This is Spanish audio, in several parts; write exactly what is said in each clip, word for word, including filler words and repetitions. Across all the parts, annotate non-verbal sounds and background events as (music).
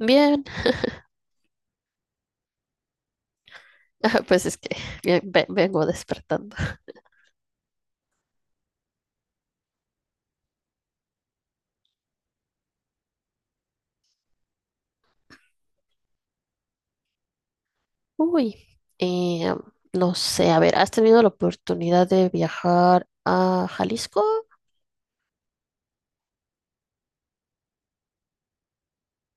Bien, (laughs) pues es que bien- ve- vengo despertando. Uy, eh, no sé, a ver, ¿has tenido la oportunidad de viajar a Jalisco?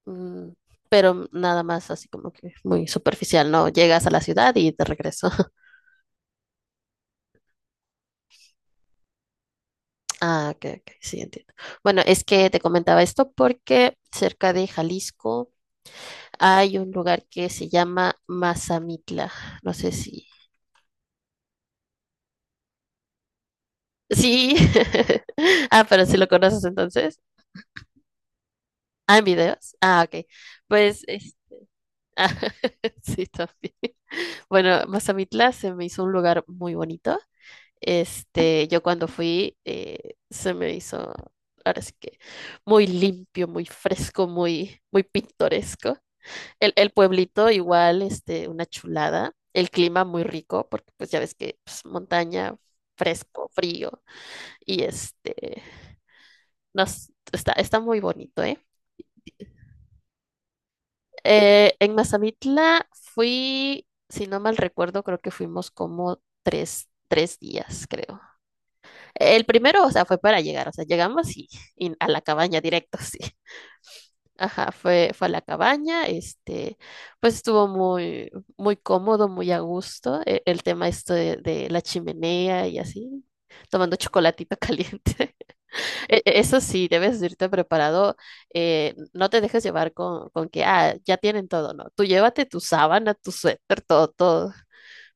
Mm, pero nada más así como que muy superficial, ¿no? Llegas a la ciudad y te regreso. (laughs) Ah, ok, ok, sí, entiendo. Bueno, es que te comentaba esto porque cerca de Jalisco hay un lugar que se llama Mazamitla. No sé si... Sí. (laughs) Ah, pero si lo conoces entonces. Ah, en videos. Ah, ok. Pues es- (laughs) ah, (laughs) sí, también. Bueno, Mazamitla se me hizo un lugar muy bonito. Este, yo cuando fui, eh, se me hizo, ahora sí que muy limpio, muy fresco, muy, muy pintoresco. El, el pueblito igual, este, una chulada. El clima muy rico, porque pues ya ves que pues, montaña, fresco, frío, y este, nos, está, está muy bonito, ¿eh? Eh, en Mazamitla fui, si no mal recuerdo, creo que fuimos como tres, tres días, creo. El primero, o sea, fue para llegar, o sea, llegamos y, y a la cabaña directo, (laughs) sí. Ajá, fue, fue a la cabaña, este, pues estuvo muy, muy cómodo, muy a gusto, e- el, tema esto de, de la chimenea y así, tomando chocolatito (laughs) caliente. E- e- Eso sí, debes irte preparado. eh, no te dejes llevar con, con que, ah, ya tienen todo, ¿no? Tú llévate tu sábana, tu suéter, todo, todo,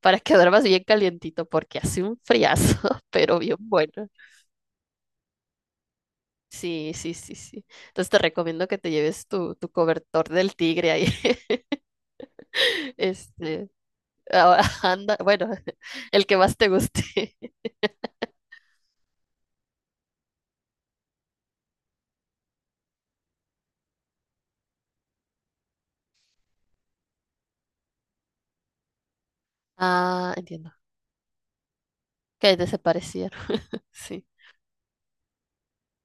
para que duermas bien calientito, porque hace un friazo, (laughs) pero bien bueno. Sí, sí, sí, sí. Entonces te recomiendo que te lleves tu, tu cobertor del tigre ahí. (laughs) Este, ahora (laughs) anda, bueno, (laughs) el que más te guste. (laughs) Ah, entiendo. Que desaparecieron. (laughs) Sí,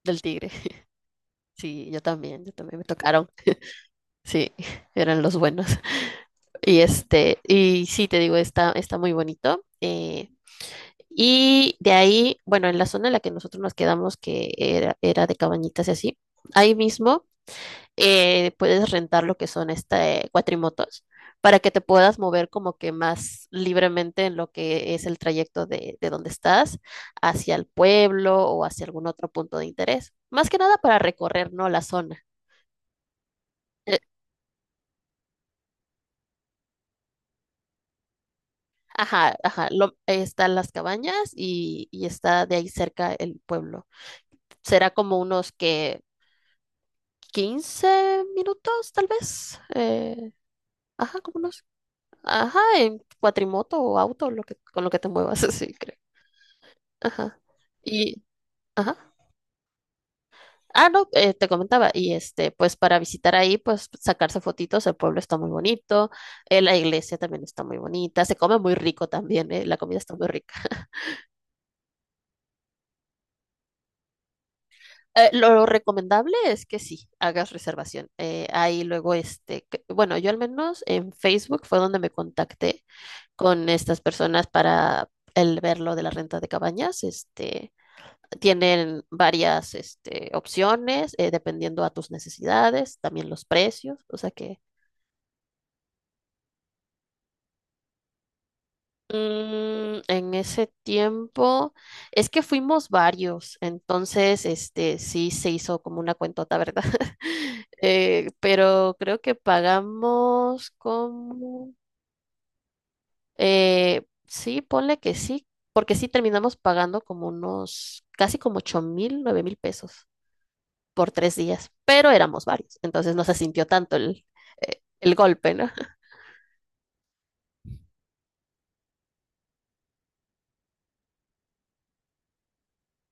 del tigre. (laughs) Sí, yo también, yo también me tocaron. Sí, (laughs) eran los buenos. Y este, y sí, te digo, está, está muy bonito. eh, y de ahí, bueno, en la zona en la que nosotros nos quedamos, que era, era de cabañitas y así, ahí mismo eh, puedes rentar lo que son este, cuatrimotos para que te puedas mover como que más libremente en lo que es el trayecto de, de donde estás hacia el pueblo o hacia algún otro punto de interés. Más que nada para recorrer, ¿no? La zona. Ajá, ajá, lo- están las cabañas y, y está de ahí cerca el pueblo. Será como unos que quince minutos, tal vez. eh, ajá, como unos. Ajá, en cuatrimoto o auto, lo que, con lo que te muevas, (laughs) así creo. Ajá. Y, ajá. Ah, no, eh, te comentaba. Y este, pues para visitar ahí, pues sacarse fotitos, el pueblo está muy bonito, eh, la iglesia también está muy bonita, se come muy rico también, eh, la comida está muy rica. Eh, lo recomendable es que sí, hagas reservación. Eh, ahí luego, este, que- bueno, yo al menos en Facebook fue donde me contacté con estas personas para el ver lo de la renta de cabañas. Este, tienen varias, este, opciones, eh, dependiendo a tus necesidades, también los precios. O sea que Mm, en ese tiempo, es que fuimos varios, entonces, este, sí se hizo como una cuentota, ¿verdad? (laughs) Eh, pero creo que pagamos como, eh, sí, ponle que sí, porque sí terminamos pagando como unos, casi como ocho mil, nueve mil pesos por tres días, pero éramos varios, entonces no se sintió tanto el, eh, el golpe, ¿no? (laughs)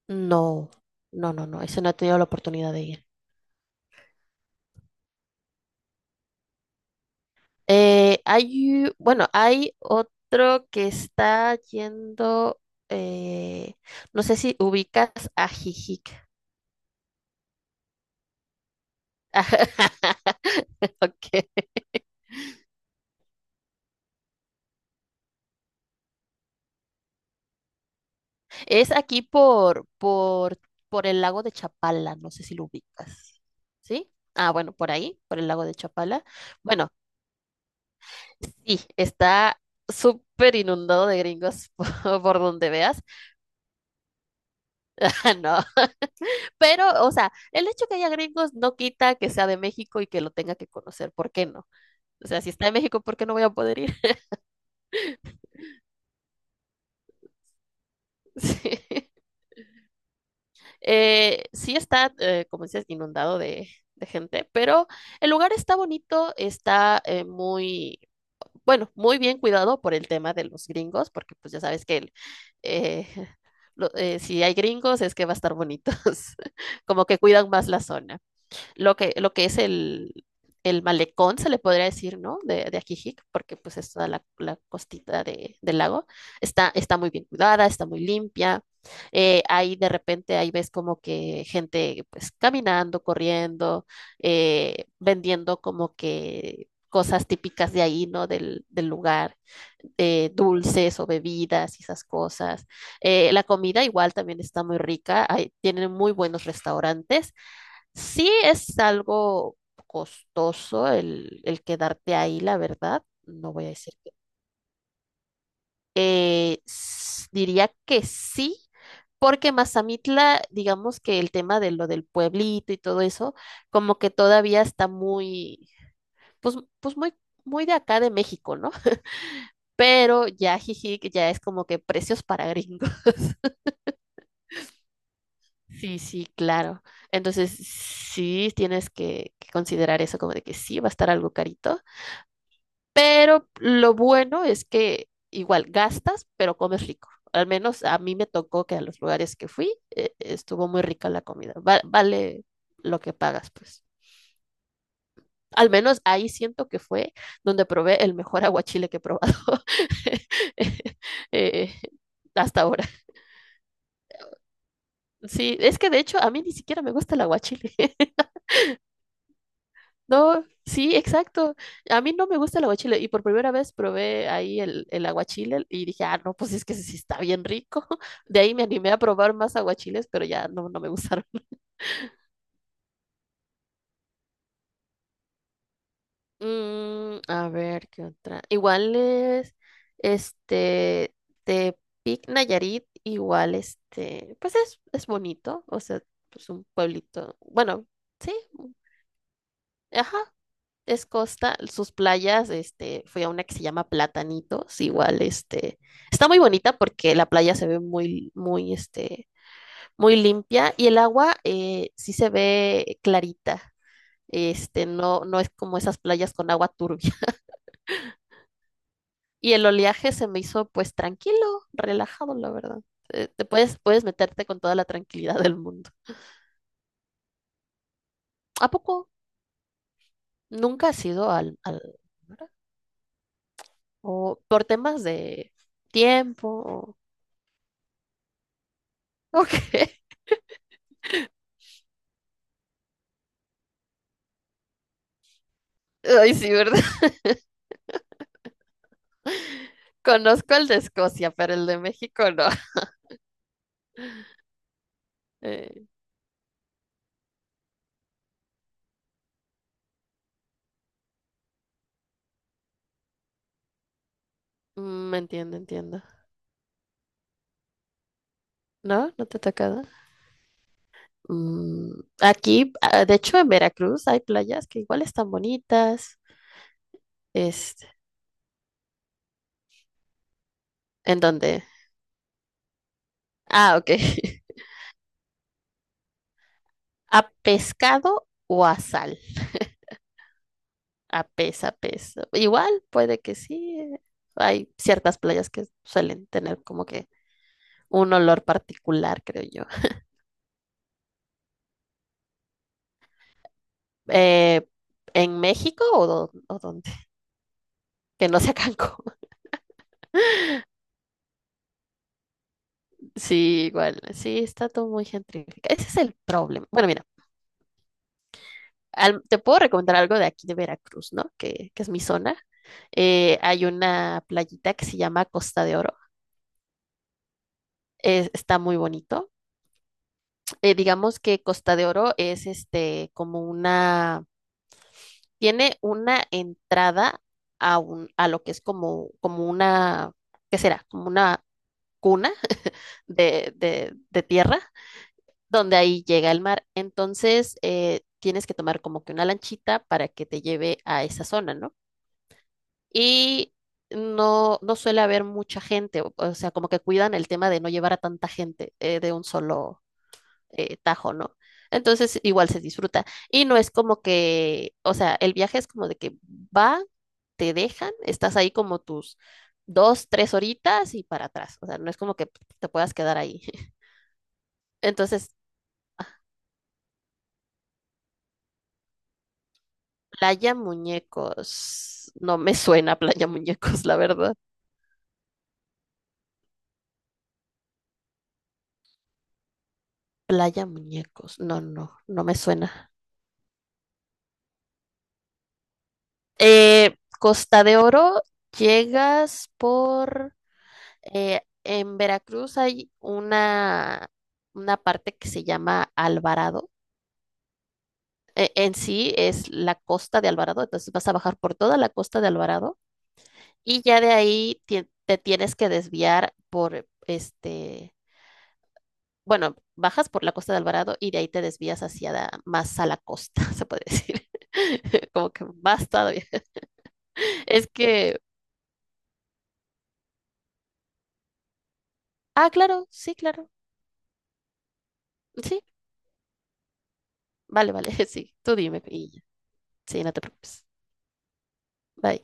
No, no, no, no, ese no he tenido la oportunidad de ir. Eh, hay, bueno, hay otro que está yendo, eh, no sé si ubicas a Jijic. (laughs) Ok. Es aquí por, por, por el lago de Chapala, no sé si lo ubicas. ¿Sí? Ah, bueno, por ahí, por el lago de Chapala. Bueno, sí, está súper inundado de gringos (laughs) por, por donde veas. (laughs) No, pero, o sea, el hecho que haya gringos no quita que sea de México y que lo tenga que conocer, ¿por qué no? O sea, si está en México, ¿por qué no voy a poder ir? (laughs) Sí, Eh, sí está, eh, como dices, inundado de, de gente, pero el lugar está bonito, está eh, muy, bueno, muy bien cuidado por el tema de los gringos, porque pues ya sabes que el, eh, (laughs) lo- eh, si hay gringos es que va a estar bonitos, (laughs) como que cuidan más la zona. Lo que, lo que es el, el malecón, se le podría decir, ¿no? De, de Ajijic, porque pues es toda la, la costita de, del lago. Está, está muy bien cuidada, está muy limpia. Eh, ahí de repente ahí ves como que gente pues caminando, corriendo, eh, vendiendo como que cosas típicas de ahí, ¿no? Del, del lugar, eh, dulces o bebidas y esas cosas. Eh, la comida igual también está muy rica, hay- tienen muy buenos restaurantes. Sí es algo costoso el, el quedarte ahí, la verdad. No voy a decir que. eh, s- diría que sí, porque Mazamitla, digamos que el tema de lo del pueblito y todo eso, como que todavía está muy, pues, pues muy, muy de acá de México, ¿no? (laughs) Pero ya, jiji, que ya es como que precios para gringos. (laughs) Sí, sí, claro. Entonces, sí tienes que que considerar eso como de que sí va a estar algo carito. Pero lo bueno es que igual gastas, pero comes rico. Al menos a mí me tocó que a los lugares que fui eh, estuvo muy rica la comida. Va- vale lo que pagas, pues. Al menos ahí siento que fue donde probé el mejor (laughs) aguachile que he probado (laughs) eh, hasta ahora. Sí, es que de hecho a mí ni siquiera me gusta el aguachile. (laughs) No, sí, exacto. A mí no me gusta el aguachile y por primera vez probé ahí el, el aguachile y dije, ah, no, pues es que sí está bien rico. (laughs) De ahí me animé a probar más aguachiles, pero ya no, no me gustaron. (laughs) Mm, a ver, ¿qué otra? Igual es, este, Tepic Nayarit, igual, este, pues es, es bonito, o sea, pues un pueblito, bueno, sí, ajá, es costa, sus playas, este, fui a una que se llama Platanitos, igual, este, está muy bonita porque la playa se ve muy, muy, este, muy limpia y el agua eh, sí se ve clarita, este, no, no es como esas playas con agua turbia. (laughs) Y el oleaje se me hizo, pues, tranquilo, relajado, la verdad. Eh, Te puedes, puedes meterte con toda la tranquilidad del mundo. ¿A poco nunca has ido al, al mar? ¿O por temas de tiempo? o- (laughs) Ok. Ay, sí, ¿verdad? (laughs) Conozco el de Escocia, pero el de México no. (laughs) Eh, mm, entiendo, entiendo. ¿No? ¿No te ha tocado? Mm, aquí, ah, de hecho, en Veracruz hay playas que igual están bonitas. Este, ¿en dónde? Ah, ok. (laughs) ¿A pescado o a sal? A pez, a pez. Igual, puede que sí. eh, hay ciertas playas que suelen tener como que un olor particular, creo yo. Eh, ¿en México o, dó- o dónde? Que no sea (laughs) Cancún. Sí, igual, sí, está todo muy gentrificado. Ese es el problema. Bueno, mira, al- te puedo recomendar algo de aquí de Veracruz, ¿no? Que, que es mi zona. Eh, hay una playita que se llama Costa de Oro. Es- está muy bonito. Eh, digamos que Costa de Oro es este como una, tiene una entrada a un, a lo que es como, como una, ¿qué será? Como una cuna de, de de tierra donde ahí llega el mar. Entonces, eh, tienes que tomar como que una lanchita para que te lleve a esa zona, ¿no? Y no, no suele haber mucha gente, o, o sea, como que cuidan el tema de no llevar a tanta gente eh, de un solo eh, tajo, ¿no? Entonces, igual se disfruta. Y no es como que, o sea, el viaje es como de que va, te dejan, estás ahí como tus dos, tres horitas y para atrás. O sea, no es como que te puedas quedar ahí. (laughs) Entonces, Playa Muñecos. No me suena Playa Muñecos, la verdad. Playa Muñecos. No, no, no me suena. Eh, Costa de Oro, llegas por... eh, en Veracruz hay una, una parte que se llama Alvarado. Eh, en sí es la costa de Alvarado, entonces vas a bajar por toda la costa de Alvarado y ya de ahí ti- te tienes que desviar por este... Bueno, bajas por la costa de Alvarado y de ahí te desvías hacia la- más a la costa, (laughs) se puede decir. (laughs) Como que más todavía. Es que, ah, claro, sí, claro, sí, vale, vale, (laughs) sí, tú dime y ya. Sí, no te preocupes. Bye.